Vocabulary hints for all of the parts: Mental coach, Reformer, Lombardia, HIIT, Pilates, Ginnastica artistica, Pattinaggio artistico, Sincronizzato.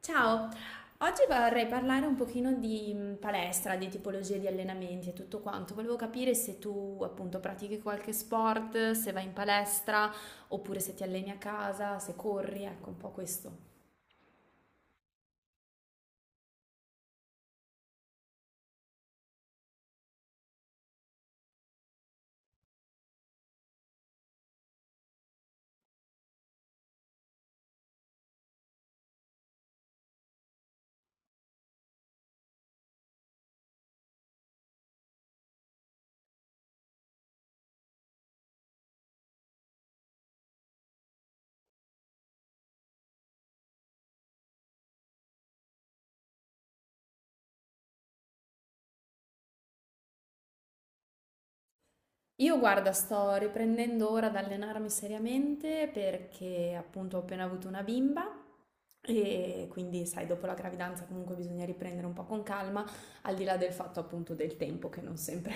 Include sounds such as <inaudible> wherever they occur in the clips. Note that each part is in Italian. Ciao, oggi vorrei parlare un pochino di palestra, di tipologie di allenamenti e tutto quanto. Volevo capire se tu appunto pratichi qualche sport, se vai in palestra oppure se ti alleni a casa, se corri, ecco un po' questo. Io guarda, sto riprendendo ora ad allenarmi seriamente perché appunto ho appena avuto una bimba e quindi sai, dopo la gravidanza comunque bisogna riprendere un po' con calma, al di là del fatto appunto del tempo che non sempre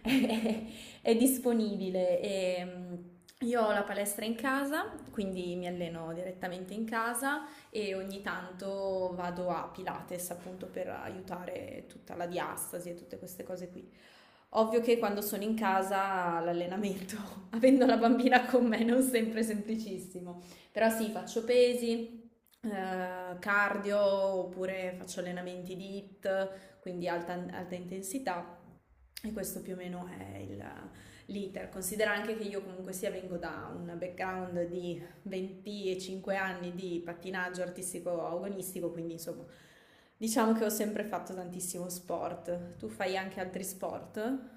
<laughs> è, è disponibile. E io ho la palestra in casa, quindi mi alleno direttamente in casa e ogni tanto vado a Pilates appunto per aiutare tutta la diastasi e tutte queste cose qui. Ovvio che quando sono in casa l'allenamento, <laughs> avendo la bambina con me, non sempre è semplicissimo, però sì, faccio pesi, cardio oppure faccio allenamenti di HIIT, quindi alta intensità e questo più o meno è l'iter. Considera anche che io comunque sia vengo da un background di 25 anni di pattinaggio artistico agonistico, quindi insomma diciamo che ho sempre fatto tantissimo sport. Tu fai anche altri sport?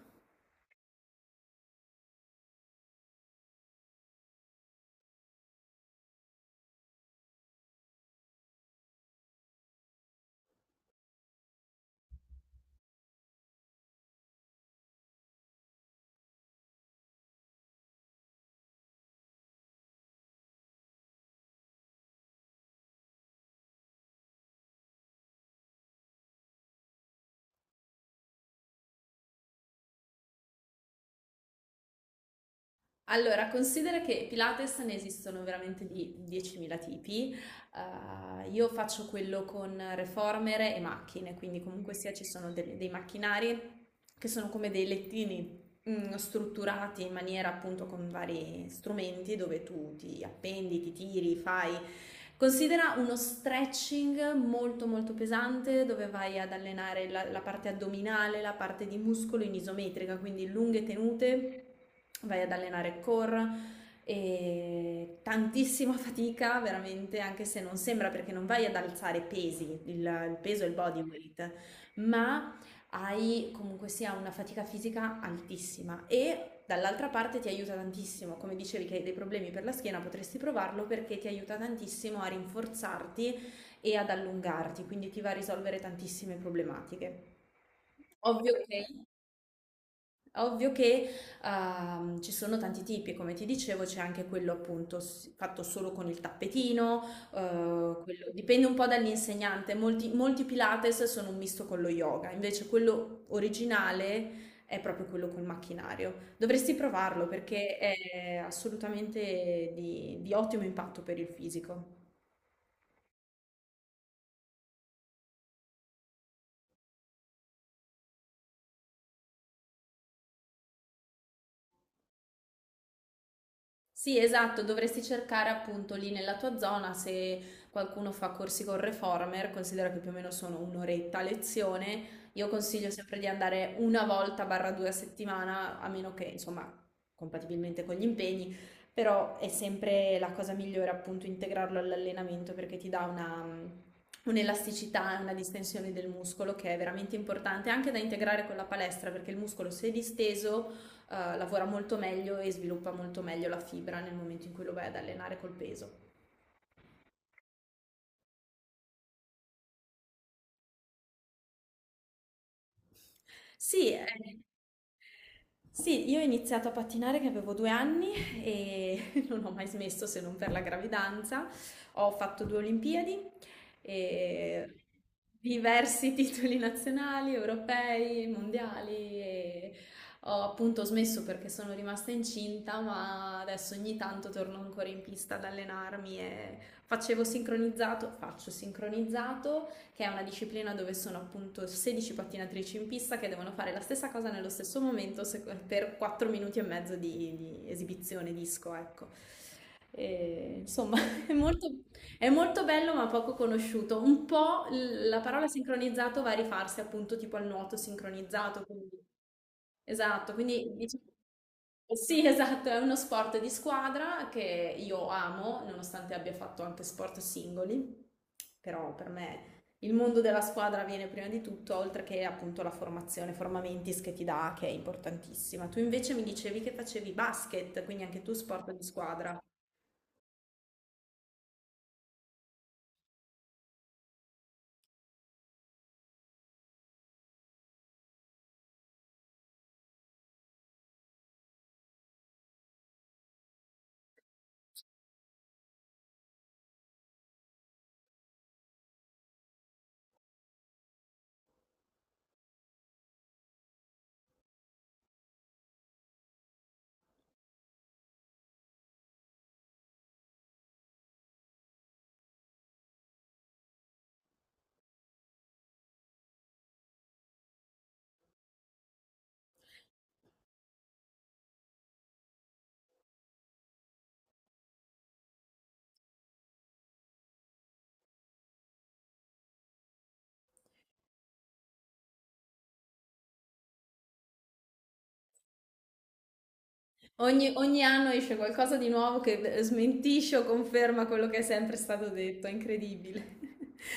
Allora, considera che Pilates ne esistono veramente di 10.000 tipi. Io faccio quello con reformer e macchine, quindi comunque sia ci sono dei macchinari che sono come dei lettini, strutturati in maniera appunto con vari strumenti dove tu ti appendi, ti tiri, fai. Considera uno stretching molto molto pesante dove vai ad allenare la parte addominale, la parte di muscolo in isometrica, quindi lunghe tenute, vai ad allenare core e tantissima fatica veramente anche se non sembra perché non vai ad alzare pesi, il peso e il body weight, ma hai comunque sia una fatica fisica altissima e dall'altra parte ti aiuta tantissimo, come dicevi che hai dei problemi per la schiena, potresti provarlo perché ti aiuta tantissimo a rinforzarti e ad allungarti, quindi ti va a risolvere tantissime problematiche. Ovvio che Ovvio che ci sono tanti tipi, come ti dicevo, c'è anche quello appunto fatto solo con il tappetino, eh, dipende un po' dall'insegnante, molti, molti Pilates sono un misto con lo yoga, invece quello originale è proprio quello col macchinario. Dovresti provarlo perché è assolutamente di ottimo impatto per il fisico. Sì, esatto, dovresti cercare appunto lì nella tua zona se qualcuno fa corsi con Reformer, considera che più o meno sono un'oretta a lezione, io consiglio sempre di andare una volta barra due a settimana, a meno che insomma compatibilmente con gli impegni, però è sempre la cosa migliore appunto integrarlo all'allenamento perché ti dà una... un'elasticità, una distensione del muscolo che è veramente importante anche da integrare con la palestra perché il muscolo se disteso, lavora molto meglio e sviluppa molto meglio la fibra nel momento in cui lo vai ad allenare col peso. Sì, eh, Sì, io ho iniziato a pattinare che avevo 2 anni e <laughs> non ho mai smesso se non per la gravidanza. Ho fatto due Olimpiadi e diversi <laughs> titoli nazionali, europei, mondiali e ho appunto smesso perché sono rimasta incinta, ma adesso ogni tanto torno ancora in pista ad allenarmi e facevo sincronizzato, faccio sincronizzato che è una disciplina dove sono appunto 16 pattinatrici in pista che devono fare la stessa cosa nello stesso momento per 4 minuti e mezzo di esibizione disco, ecco. E, insomma, <laughs> è molto, è molto bello ma poco conosciuto. Un po' la parola sincronizzato va a rifarsi appunto tipo al nuoto sincronizzato, quindi. Esatto, sì, esatto, è uno sport di squadra che io amo, nonostante abbia fatto anche sport singoli, però per me il mondo della squadra viene prima di tutto, oltre che appunto la formazione, Formamentis che ti dà, che è importantissima. Tu invece mi dicevi che facevi basket, quindi anche tu sport di squadra. Ogni anno esce qualcosa di nuovo che smentisce o conferma quello che è sempre stato detto, è incredibile. <laughs>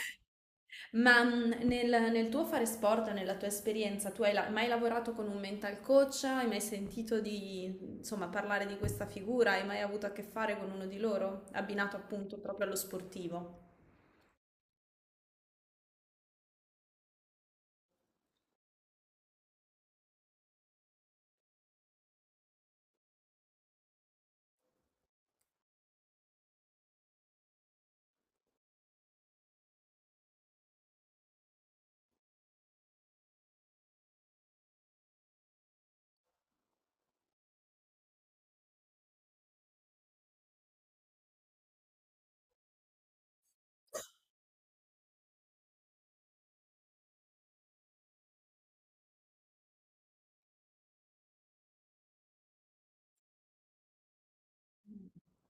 Ma nel tuo fare sport, nella tua esperienza, tu hai mai lavorato con un mental coach? Hai mai sentito di, insomma, parlare di questa figura? Hai mai avuto a che fare con uno di loro, abbinato appunto proprio allo sportivo?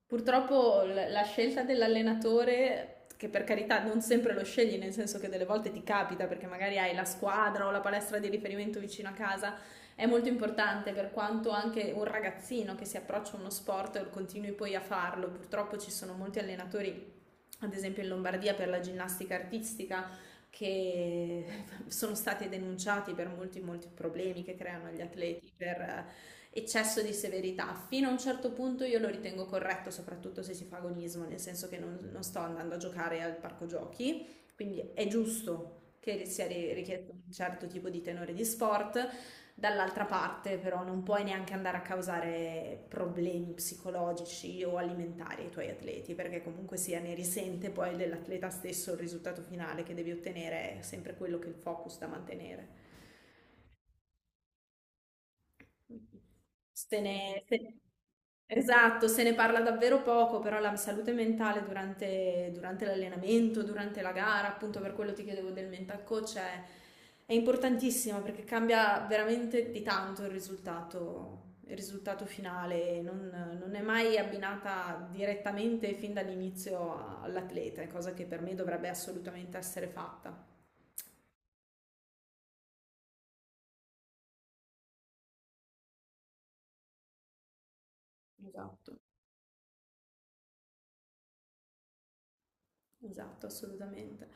Purtroppo la scelta dell'allenatore, che per carità non sempre lo scegli, nel senso che delle volte ti capita perché magari hai la squadra o la palestra di riferimento vicino a casa, è molto importante per quanto anche un ragazzino che si approccia a uno sport e continui poi a farlo. Purtroppo ci sono molti allenatori, ad esempio in Lombardia per la ginnastica artistica, che <laughs> sono stati denunciati per molti, molti problemi che creano agli atleti, per eccesso di severità. Fino a un certo punto io lo ritengo corretto, soprattutto se si fa agonismo, nel senso che non sto andando a giocare al parco giochi, quindi è giusto che sia richiesto un certo tipo di tenore di sport. Dall'altra parte, però, non puoi neanche andare a causare problemi psicologici o alimentari ai tuoi atleti, perché comunque sia ne risente poi dell'atleta stesso il risultato finale che devi ottenere, è sempre quello che il focus da mantenere. Se ne, se- esatto, se ne parla davvero poco, però la salute mentale durante l'allenamento, durante la gara, appunto per quello ti chiedevo del mental coach, è importantissima perché cambia veramente di tanto il risultato finale, non è mai abbinata direttamente fin dall'inizio all'atleta, è cosa che per me dovrebbe assolutamente essere fatta. Esatto. Esatto, assolutamente.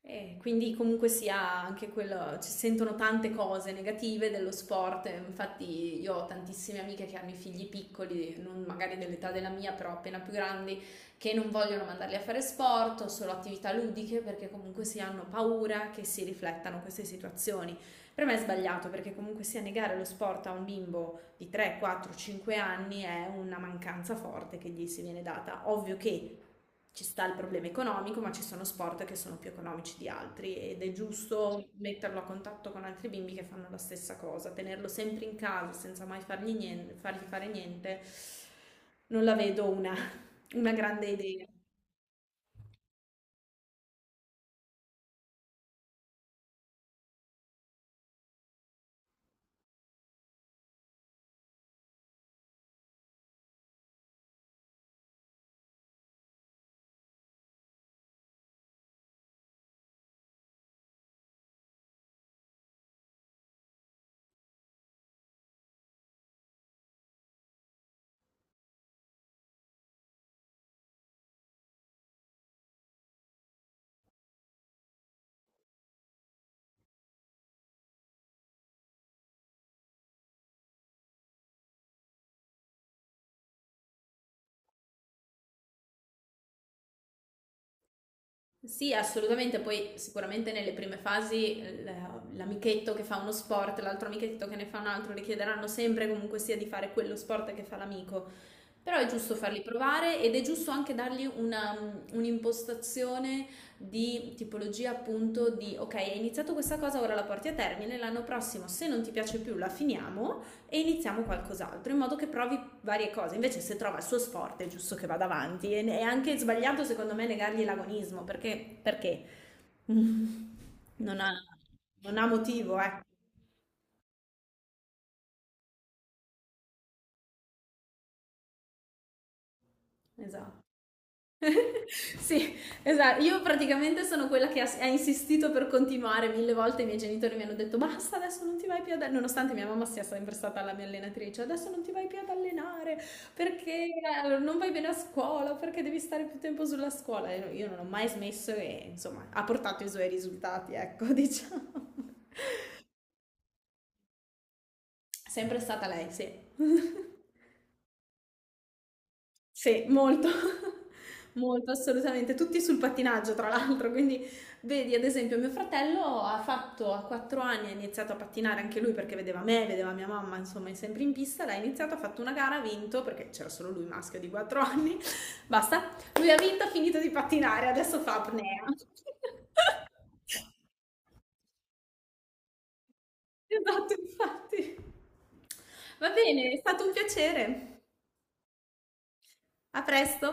E quindi comunque sia anche quello, ci sentono tante cose negative dello sport, e infatti io ho tantissime amiche che hanno i figli piccoli, non magari dell'età della mia, però appena più grandi, che non vogliono mandarli a fare sport o solo attività ludiche perché comunque si hanno paura che si riflettano queste situazioni. Per me è sbagliato perché comunque sia negare lo sport a un bimbo di 3, 4, 5 anni è una mancanza forte che gli si viene data. Ovvio che ci sta il problema economico, ma ci sono sport che sono più economici di altri ed è giusto metterlo a contatto con altri bimbi che fanno la stessa cosa. Tenerlo sempre in casa senza mai fargli, fargli fare niente, non la vedo una grande idea. Sì, assolutamente, poi sicuramente nelle prime fasi l'amichetto che fa uno sport, l'altro amichetto che ne fa un altro, richiederanno sempre comunque sia di fare quello sport che fa l'amico. Però è giusto farli provare ed è giusto anche dargli un'impostazione di tipologia appunto di ok, hai iniziato questa cosa, ora la porti a termine, l'anno prossimo se non ti piace più la finiamo e iniziamo qualcos'altro, in modo che provi varie cose. Invece se trova il suo sport è giusto che vada avanti e è anche sbagliato secondo me negargli l'agonismo perché, perché? <laughs> Non non ha motivo, ecco. Esatto. <laughs> Sì, esatto. Io praticamente sono quella che ha insistito per continuare mille volte. I miei genitori mi hanno detto: Basta, adesso non ti vai più ad allenare. Nonostante mia mamma sia sempre stata la mia allenatrice, adesso non ti vai più ad allenare perché, non vai bene a scuola, perché devi stare più tempo sulla scuola. E no, io non ho mai smesso e insomma ha portato i suoi risultati, ecco, <laughs> diciamo. Sempre stata lei, sì. <laughs> Sì, molto, <laughs> molto, assolutamente. Tutti sul pattinaggio, tra l'altro. Quindi, vedi, ad esempio, mio fratello ha fatto a 4 anni, ha iniziato a pattinare anche lui perché vedeva me, vedeva mia mamma, insomma, è sempre in pista. L'ha iniziato, ha fatto una gara, ha vinto perché c'era solo lui maschio di 4 anni. <laughs> Basta, lui ha vinto, ha finito di pattinare, adesso fa apnea. <laughs> Esatto, infatti. Va bene, è stato un piacere. A presto.